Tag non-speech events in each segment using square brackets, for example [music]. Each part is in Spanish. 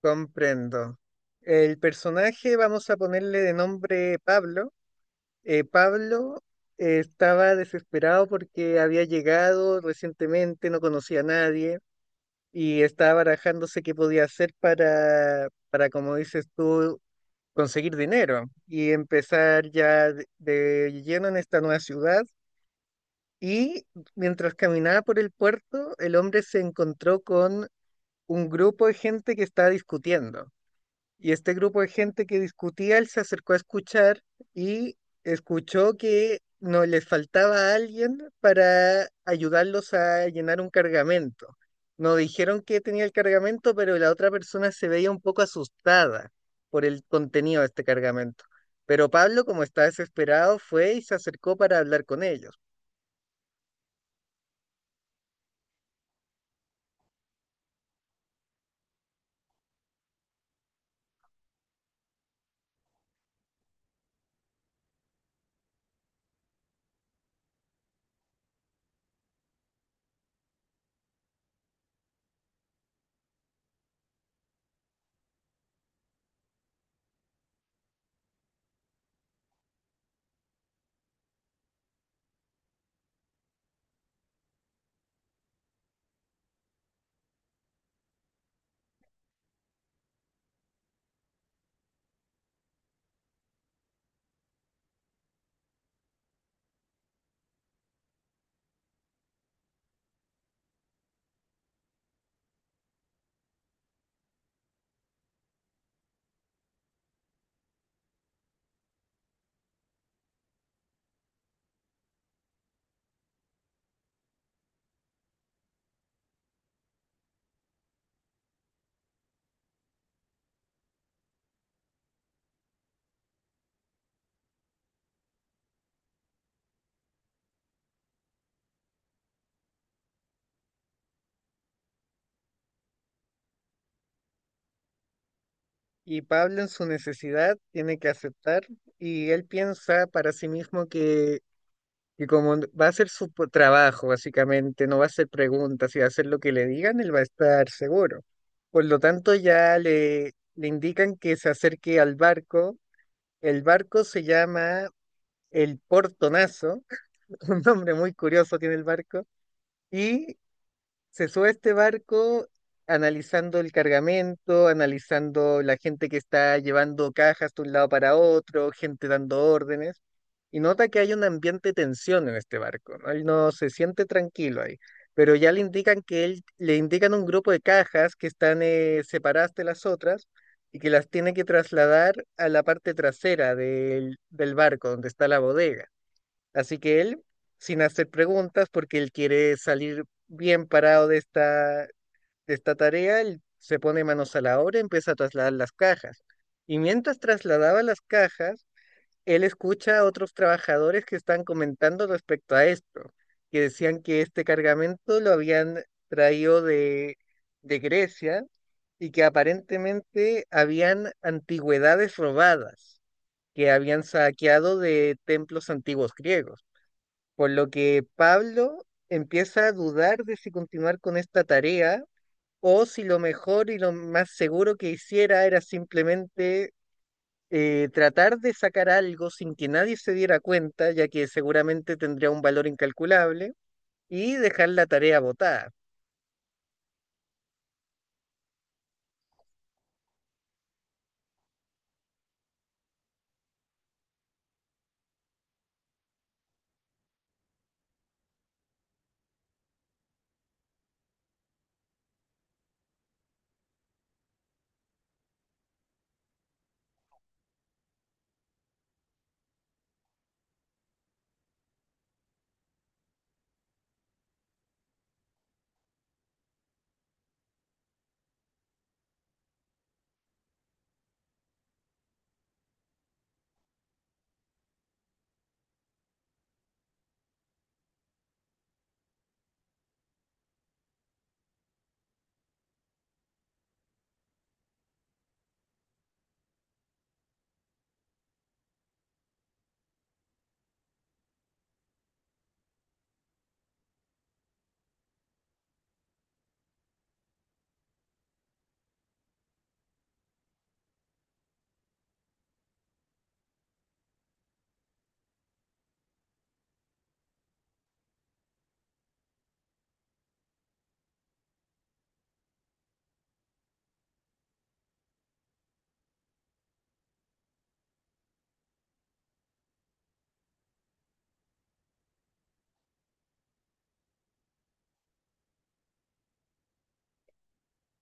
Comprendo. El personaje vamos a ponerle de nombre Pablo. Pablo estaba desesperado porque había llegado recientemente, no conocía a nadie y estaba barajándose qué podía hacer para, como dices tú, conseguir dinero y empezar ya de lleno en esta nueva ciudad. Y mientras caminaba por el puerto, el hombre se encontró con un grupo de gente que estaba discutiendo. Y este grupo de gente que discutía, él se acercó a escuchar y escuchó que no les faltaba alguien para ayudarlos a llenar un cargamento. No dijeron que tenía el cargamento, pero la otra persona se veía un poco asustada por el contenido de este cargamento. Pero Pablo, como está desesperado, fue y se acercó para hablar con ellos. Y Pablo en su necesidad tiene que aceptar y él piensa para sí mismo que y como va a ser su trabajo, básicamente, no va a hacer preguntas y va a hacer lo que le digan, él va a estar seguro. Por lo tanto, ya le indican que se acerque al barco. El barco se llama el Portonazo, [laughs] un nombre muy curioso tiene el barco. Y se sube a este barco analizando el cargamento, analizando la gente que está llevando cajas de un lado para otro, gente dando órdenes, y nota que hay un ambiente de tensión en este barco, ¿no? Él no se siente tranquilo ahí, pero ya le indican que le indican un grupo de cajas que están separadas de las otras y que las tiene que trasladar a la parte trasera del barco, donde está la bodega. Así que él, sin hacer preguntas, porque él quiere salir bien parado de esta tarea, él se pone manos a la obra y empieza a trasladar las cajas. Y mientras trasladaba las cajas, él escucha a otros trabajadores que están comentando respecto a esto, que decían que este cargamento lo habían traído de Grecia y que aparentemente habían antigüedades robadas, que habían saqueado de templos antiguos griegos. Por lo que Pablo empieza a dudar de si continuar con esta tarea o si lo mejor y lo más seguro que hiciera era simplemente tratar de sacar algo sin que nadie se diera cuenta, ya que seguramente tendría un valor incalculable, y dejar la tarea botada.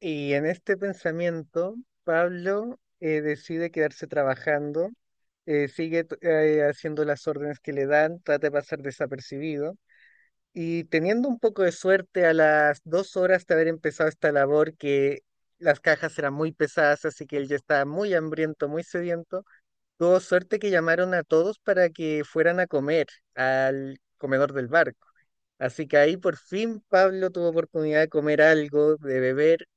Y en este pensamiento, Pablo decide quedarse trabajando, sigue haciendo las órdenes que le dan, trata de pasar desapercibido. Y teniendo un poco de suerte, a las 2 horas de haber empezado esta labor, que las cajas eran muy pesadas, así que él ya estaba muy hambriento, muy sediento, tuvo suerte que llamaron a todos para que fueran a comer al comedor del barco. Así que ahí por fin Pablo tuvo oportunidad de comer algo, de beber,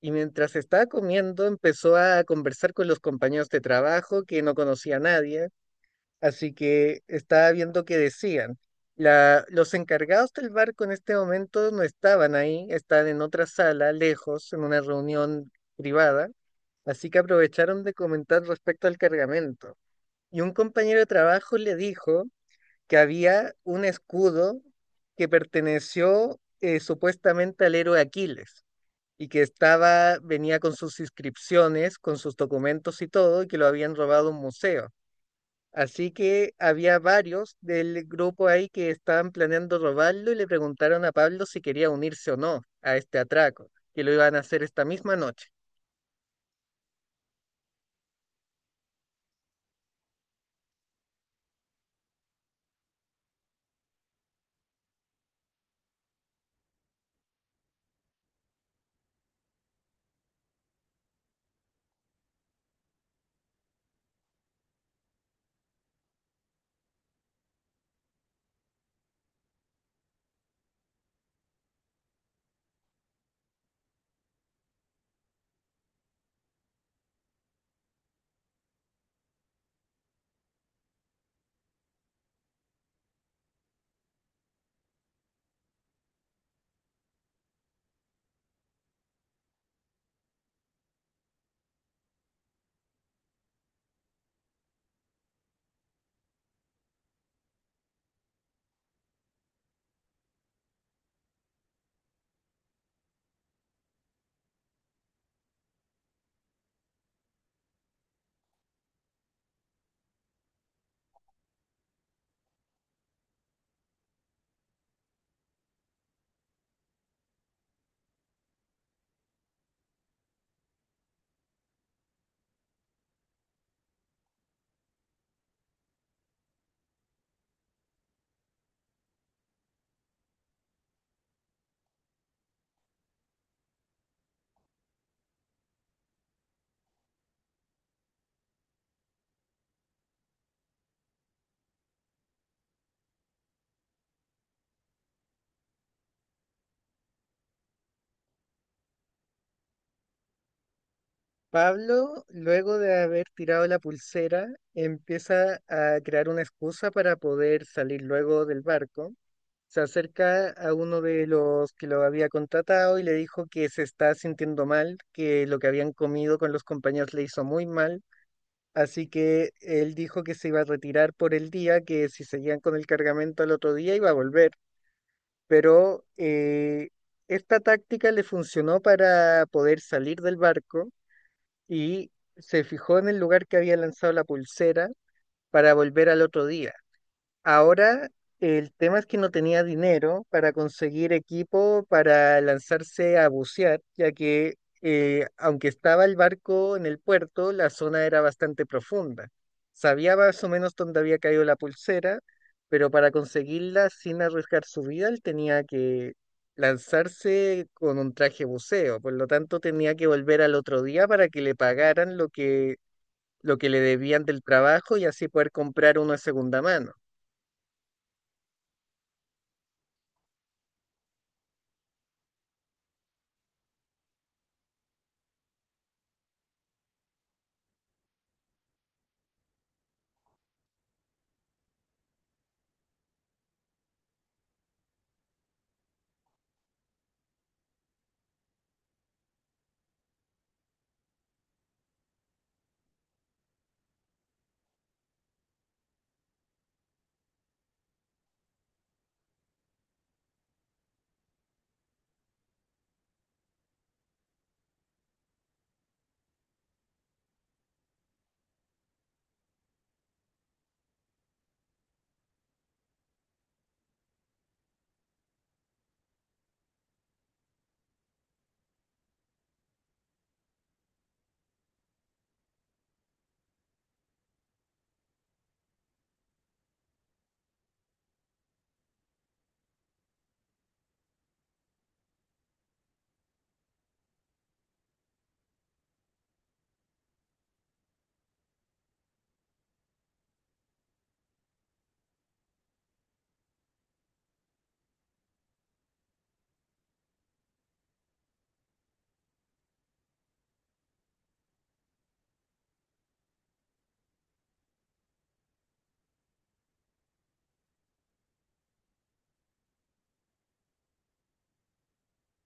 y mientras estaba comiendo empezó a conversar con los compañeros de trabajo que no conocía a nadie. Así que estaba viendo que decían. Los encargados del barco en este momento no estaban ahí, están en otra sala, lejos, en una reunión privada, así que aprovecharon de comentar respecto al cargamento. Y un compañero de trabajo le dijo que había un escudo que perteneció supuestamente al héroe Aquiles y que estaba, venía con sus inscripciones, con sus documentos y todo, y que lo habían robado a un museo. Así que había varios del grupo ahí que estaban planeando robarlo y le preguntaron a Pablo si quería unirse o no a este atraco, que lo iban a hacer esta misma noche. Pablo, luego de haber tirado la pulsera, empieza a crear una excusa para poder salir luego del barco. Se acerca a uno de los que lo había contratado y le dijo que se está sintiendo mal, que lo que habían comido con los compañeros le hizo muy mal. Así que él dijo que se iba a retirar por el día, que si seguían con el cargamento al otro día iba a volver. Pero esta táctica le funcionó para poder salir del barco y se fijó en el lugar que había lanzado la pulsera para volver al otro día. Ahora, el tema es que no tenía dinero para conseguir equipo para lanzarse a bucear, ya que aunque estaba el barco en el puerto, la zona era bastante profunda. Sabía más o menos dónde había caído la pulsera, pero para conseguirla sin arriesgar su vida, él tenía que lanzarse con un traje buceo. Por lo tanto, tenía que volver al otro día para que le pagaran lo lo que le debían del trabajo y así poder comprar uno de segunda mano.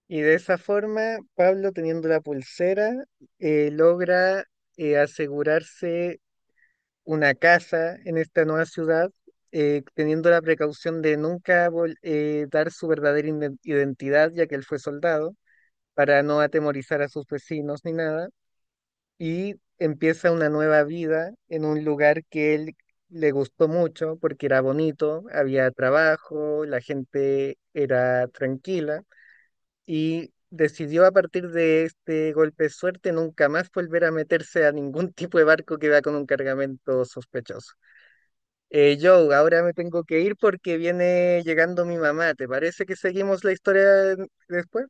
Y de esa forma, Pablo, teniendo la pulsera, logra asegurarse una casa en esta nueva ciudad, teniendo la precaución de nunca dar su verdadera identidad, ya que él fue soldado, para no atemorizar a sus vecinos ni nada. Y empieza una nueva vida en un lugar que él le gustó mucho porque era bonito, había trabajo, la gente era tranquila y decidió a partir de este golpe de suerte nunca más volver a meterse a ningún [laughs] tipo de barco que va con un cargamento sospechoso. Joe, ahora me tengo que ir porque viene llegando mi mamá. ¿Te parece que seguimos la historia después?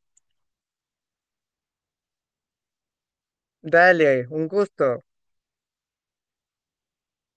Dale, un gusto.